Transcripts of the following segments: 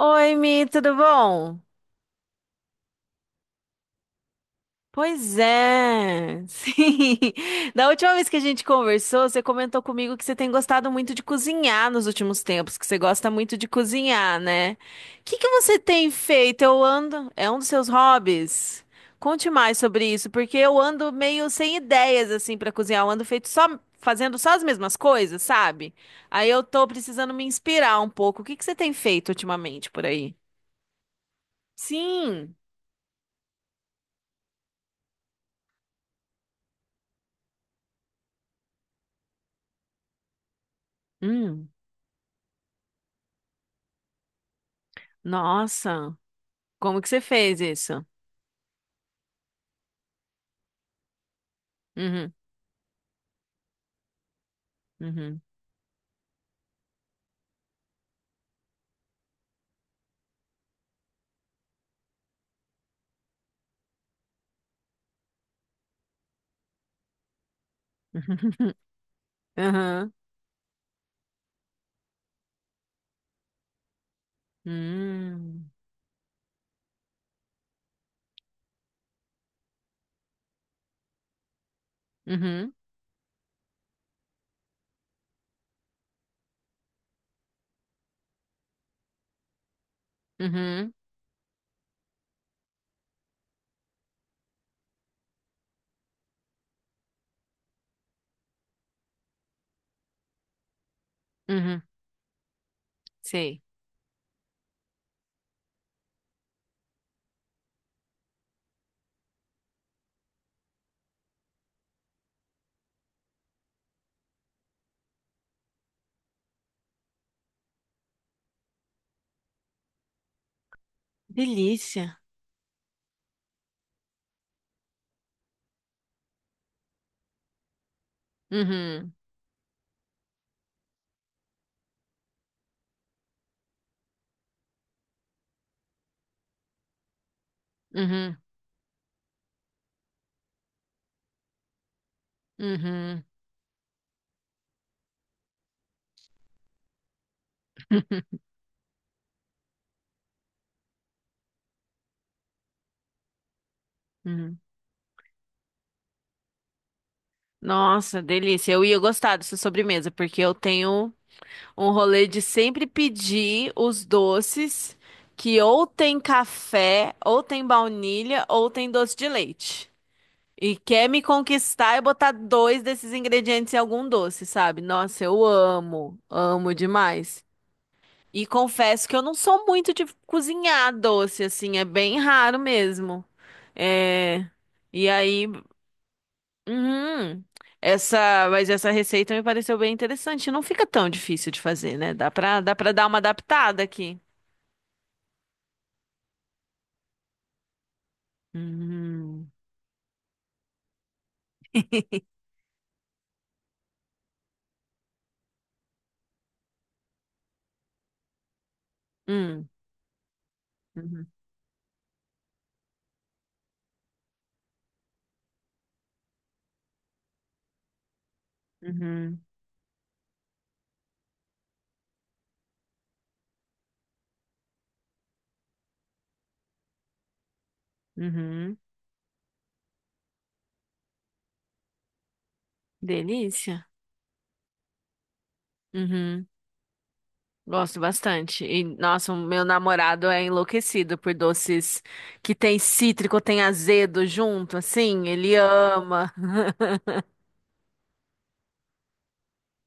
Oi, Mi, tudo bom? Pois é, sim. Da última vez que a gente conversou, você comentou comigo que você tem gostado muito de cozinhar nos últimos tempos, que você gosta muito de cozinhar, né? O que que você tem feito? É um dos seus hobbies? Conte mais sobre isso, porque eu ando meio sem ideias assim para cozinhar. Eu ando feito só fazendo só as mesmas coisas, sabe? Aí eu tô precisando me inspirar um pouco. O que que você tem feito ultimamente por aí? Sim. Hum. Nossa, como que você fez isso? Uhum, uhum, uhum, uhum, uhum, uhum, uhum, sei. Delícia. Uhum, uhum, uhum, uhum. Nossa, delícia. Eu ia gostar dessa sobremesa, porque eu tenho um rolê de sempre pedir os doces que ou tem café, ou tem baunilha, ou tem doce de leite. E quer me conquistar e botar dois desses ingredientes em algum doce, sabe? Nossa, eu amo, amo demais. E confesso que eu não sou muito de cozinhar doce, assim, é bem raro mesmo. É... E aí, uhum, essa receita me pareceu bem interessante. Não fica tão difícil de fazer, né? Dá pra dar uma adaptada aqui. Uhum. Hum. Uhum. Uhum. Uhum. Delícia. Uhum. Gosto bastante. E, nossa, o meu namorado é enlouquecido por doces que tem cítrico, tem azedo junto, assim. Ele ama.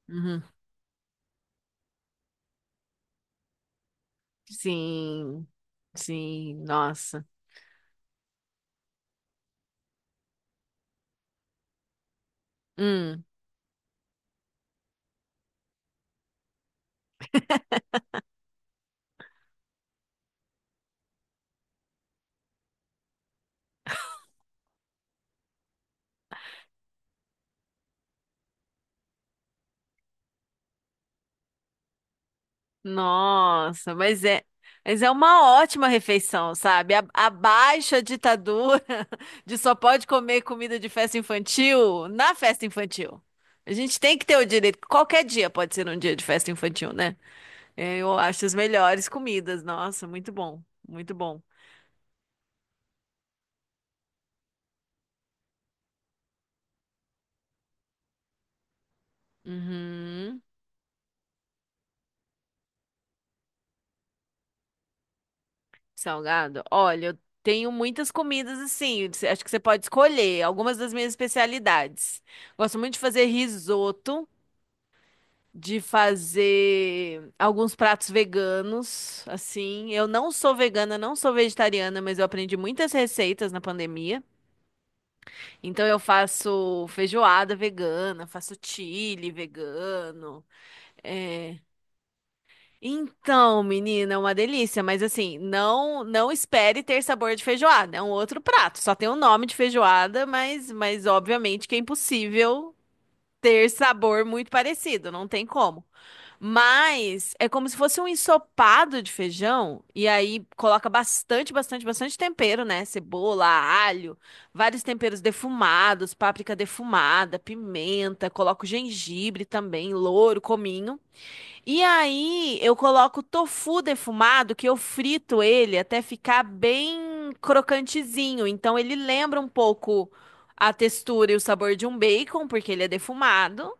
Uhum. Sim, sim, nossa. Hum, nossa, mas é uma ótima refeição, sabe? Abaixa a ditadura de só pode comer comida de festa infantil na festa infantil. A gente tem que ter o direito. Qualquer dia pode ser um dia de festa infantil, né? É, eu acho as melhores comidas. Nossa, muito bom. Muito bom. Uhum. Salgado. Olha, eu tenho muitas comidas assim. Acho que você pode escolher algumas das minhas especialidades. Gosto muito de fazer risoto, de fazer alguns pratos veganos, assim. Eu não sou vegana, não sou vegetariana, mas eu aprendi muitas receitas na pandemia. Então eu faço feijoada vegana, faço chili vegano. é, Então, menina, é uma delícia, mas assim, não espere ter sabor de feijoada, é um outro prato, só tem o nome de feijoada, mas obviamente que é impossível ter sabor muito parecido, não tem como. Mas é como se fosse um ensopado de feijão e aí coloca bastante, bastante, bastante tempero, né? Cebola, alho, vários temperos defumados, páprica defumada, pimenta, coloca o gengibre também, louro, cominho. E aí eu coloco tofu defumado, que eu frito ele até ficar bem crocantezinho. Então ele lembra um pouco a textura e o sabor de um bacon, porque ele é defumado.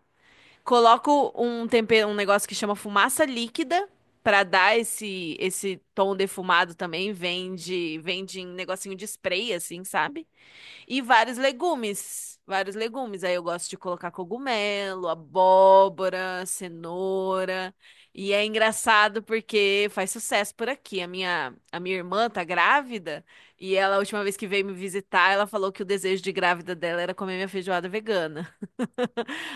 Coloco um tempero, um negócio que chama fumaça líquida. Pra dar esse tom defumado também, vende, vende em negocinho de spray, assim, sabe? E vários legumes. Vários legumes. Aí eu gosto de colocar cogumelo, abóbora, cenoura. E é engraçado porque faz sucesso por aqui. A minha irmã tá grávida e ela, a última vez que veio me visitar, ela falou que o desejo de grávida dela era comer minha feijoada vegana.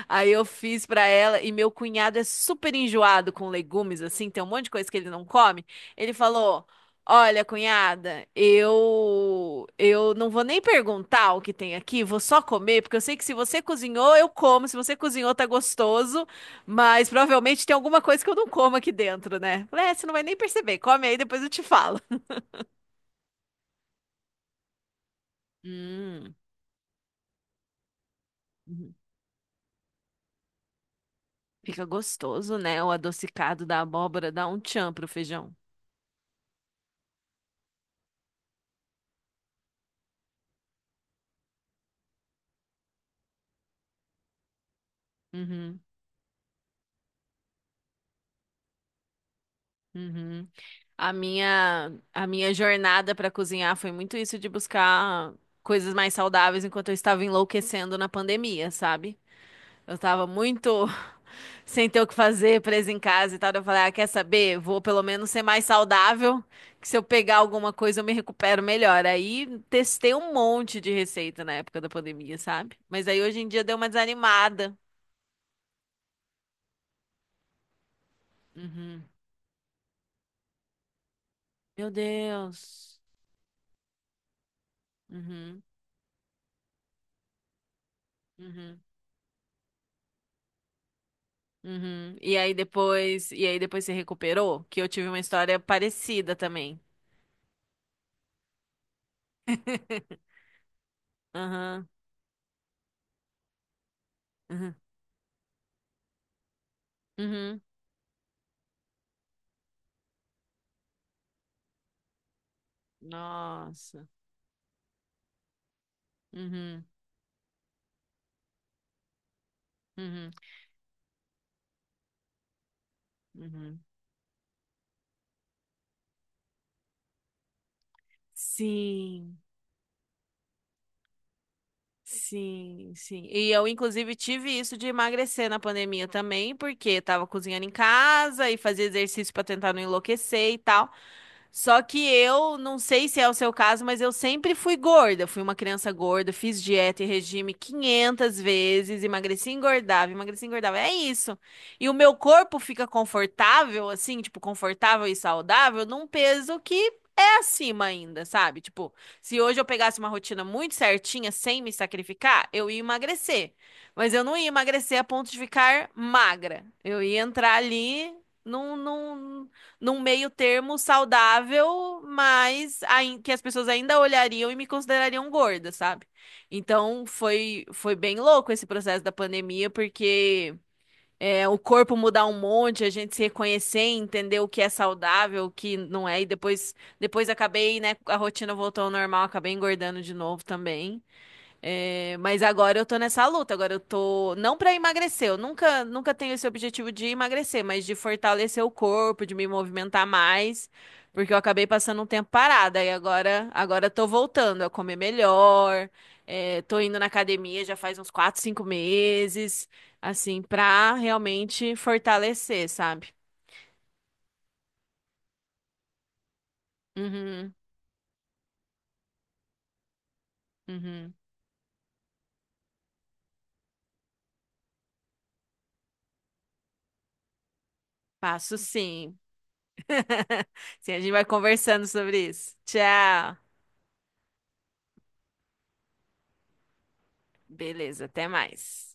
Aí eu fiz pra ela e meu cunhado é super enjoado com legumes, assim, tem um monte de coisa que ele não come. Ele falou: "Olha, cunhada, eu não vou nem perguntar o que tem aqui, vou só comer, porque eu sei que se você cozinhou, eu como, se você cozinhou tá gostoso, mas provavelmente tem alguma coisa que eu não como aqui dentro, né?" Falei, é, você não vai nem perceber. Come aí, depois eu te falo. Hum, uhum. Fica gostoso, né? O adocicado da abóbora dá um tchan pro feijão. Uhum, uhum. A minha jornada para cozinhar foi muito isso de buscar coisas mais saudáveis enquanto eu estava enlouquecendo na pandemia, sabe? Eu estava muito sem ter o que fazer, presa em casa e tal. Eu falei, ah, quer saber? Vou pelo menos ser mais saudável, que se eu pegar alguma coisa eu me recupero melhor. Aí testei um monte de receita na época da pandemia, sabe? Mas aí hoje em dia deu uma desanimada. Uhum. Meu Deus. Uhum. Uhum. Uhum. E aí depois se recuperou, que eu tive uma história parecida também. Aham. Uhum. Uhum. Nossa. Uhum. Uhum. Uhum. Sim, sim, sim. E eu, inclusive, tive isso de emagrecer na pandemia também, porque tava cozinhando em casa e fazia exercício pra tentar não enlouquecer e tal. Só que eu não sei se é o seu caso, mas eu sempre fui gorda. Fui uma criança gorda, fiz dieta e regime 500 vezes, emagreci, engordava, emagreci, engordava. É isso. E o meu corpo fica confortável, assim, tipo, confortável e saudável, num peso que é acima ainda, sabe? Tipo, se hoje eu pegasse uma rotina muito certinha, sem me sacrificar, eu ia emagrecer. Mas eu não ia emagrecer a ponto de ficar magra. Eu ia entrar ali. Não, num meio termo saudável, que as pessoas ainda olhariam e me considerariam gorda, sabe? Então foi bem louco esse processo da pandemia, porque o corpo mudar um monte, a gente se reconhecer, entender o que é saudável, o que não é, e depois acabei, né, a rotina voltou ao normal, acabei engordando de novo também. É, mas agora eu tô nessa luta, agora eu tô não pra emagrecer, eu nunca nunca tenho esse objetivo de emagrecer, mas de fortalecer o corpo, de me movimentar mais, porque eu acabei passando um tempo parada e agora eu tô voltando a comer melhor, tô indo na academia já faz uns 4, 5 meses, assim, pra realmente fortalecer, sabe? Uhum, uhum. Passo sim. Sim, a gente vai conversando sobre isso. Tchau. Beleza, até mais.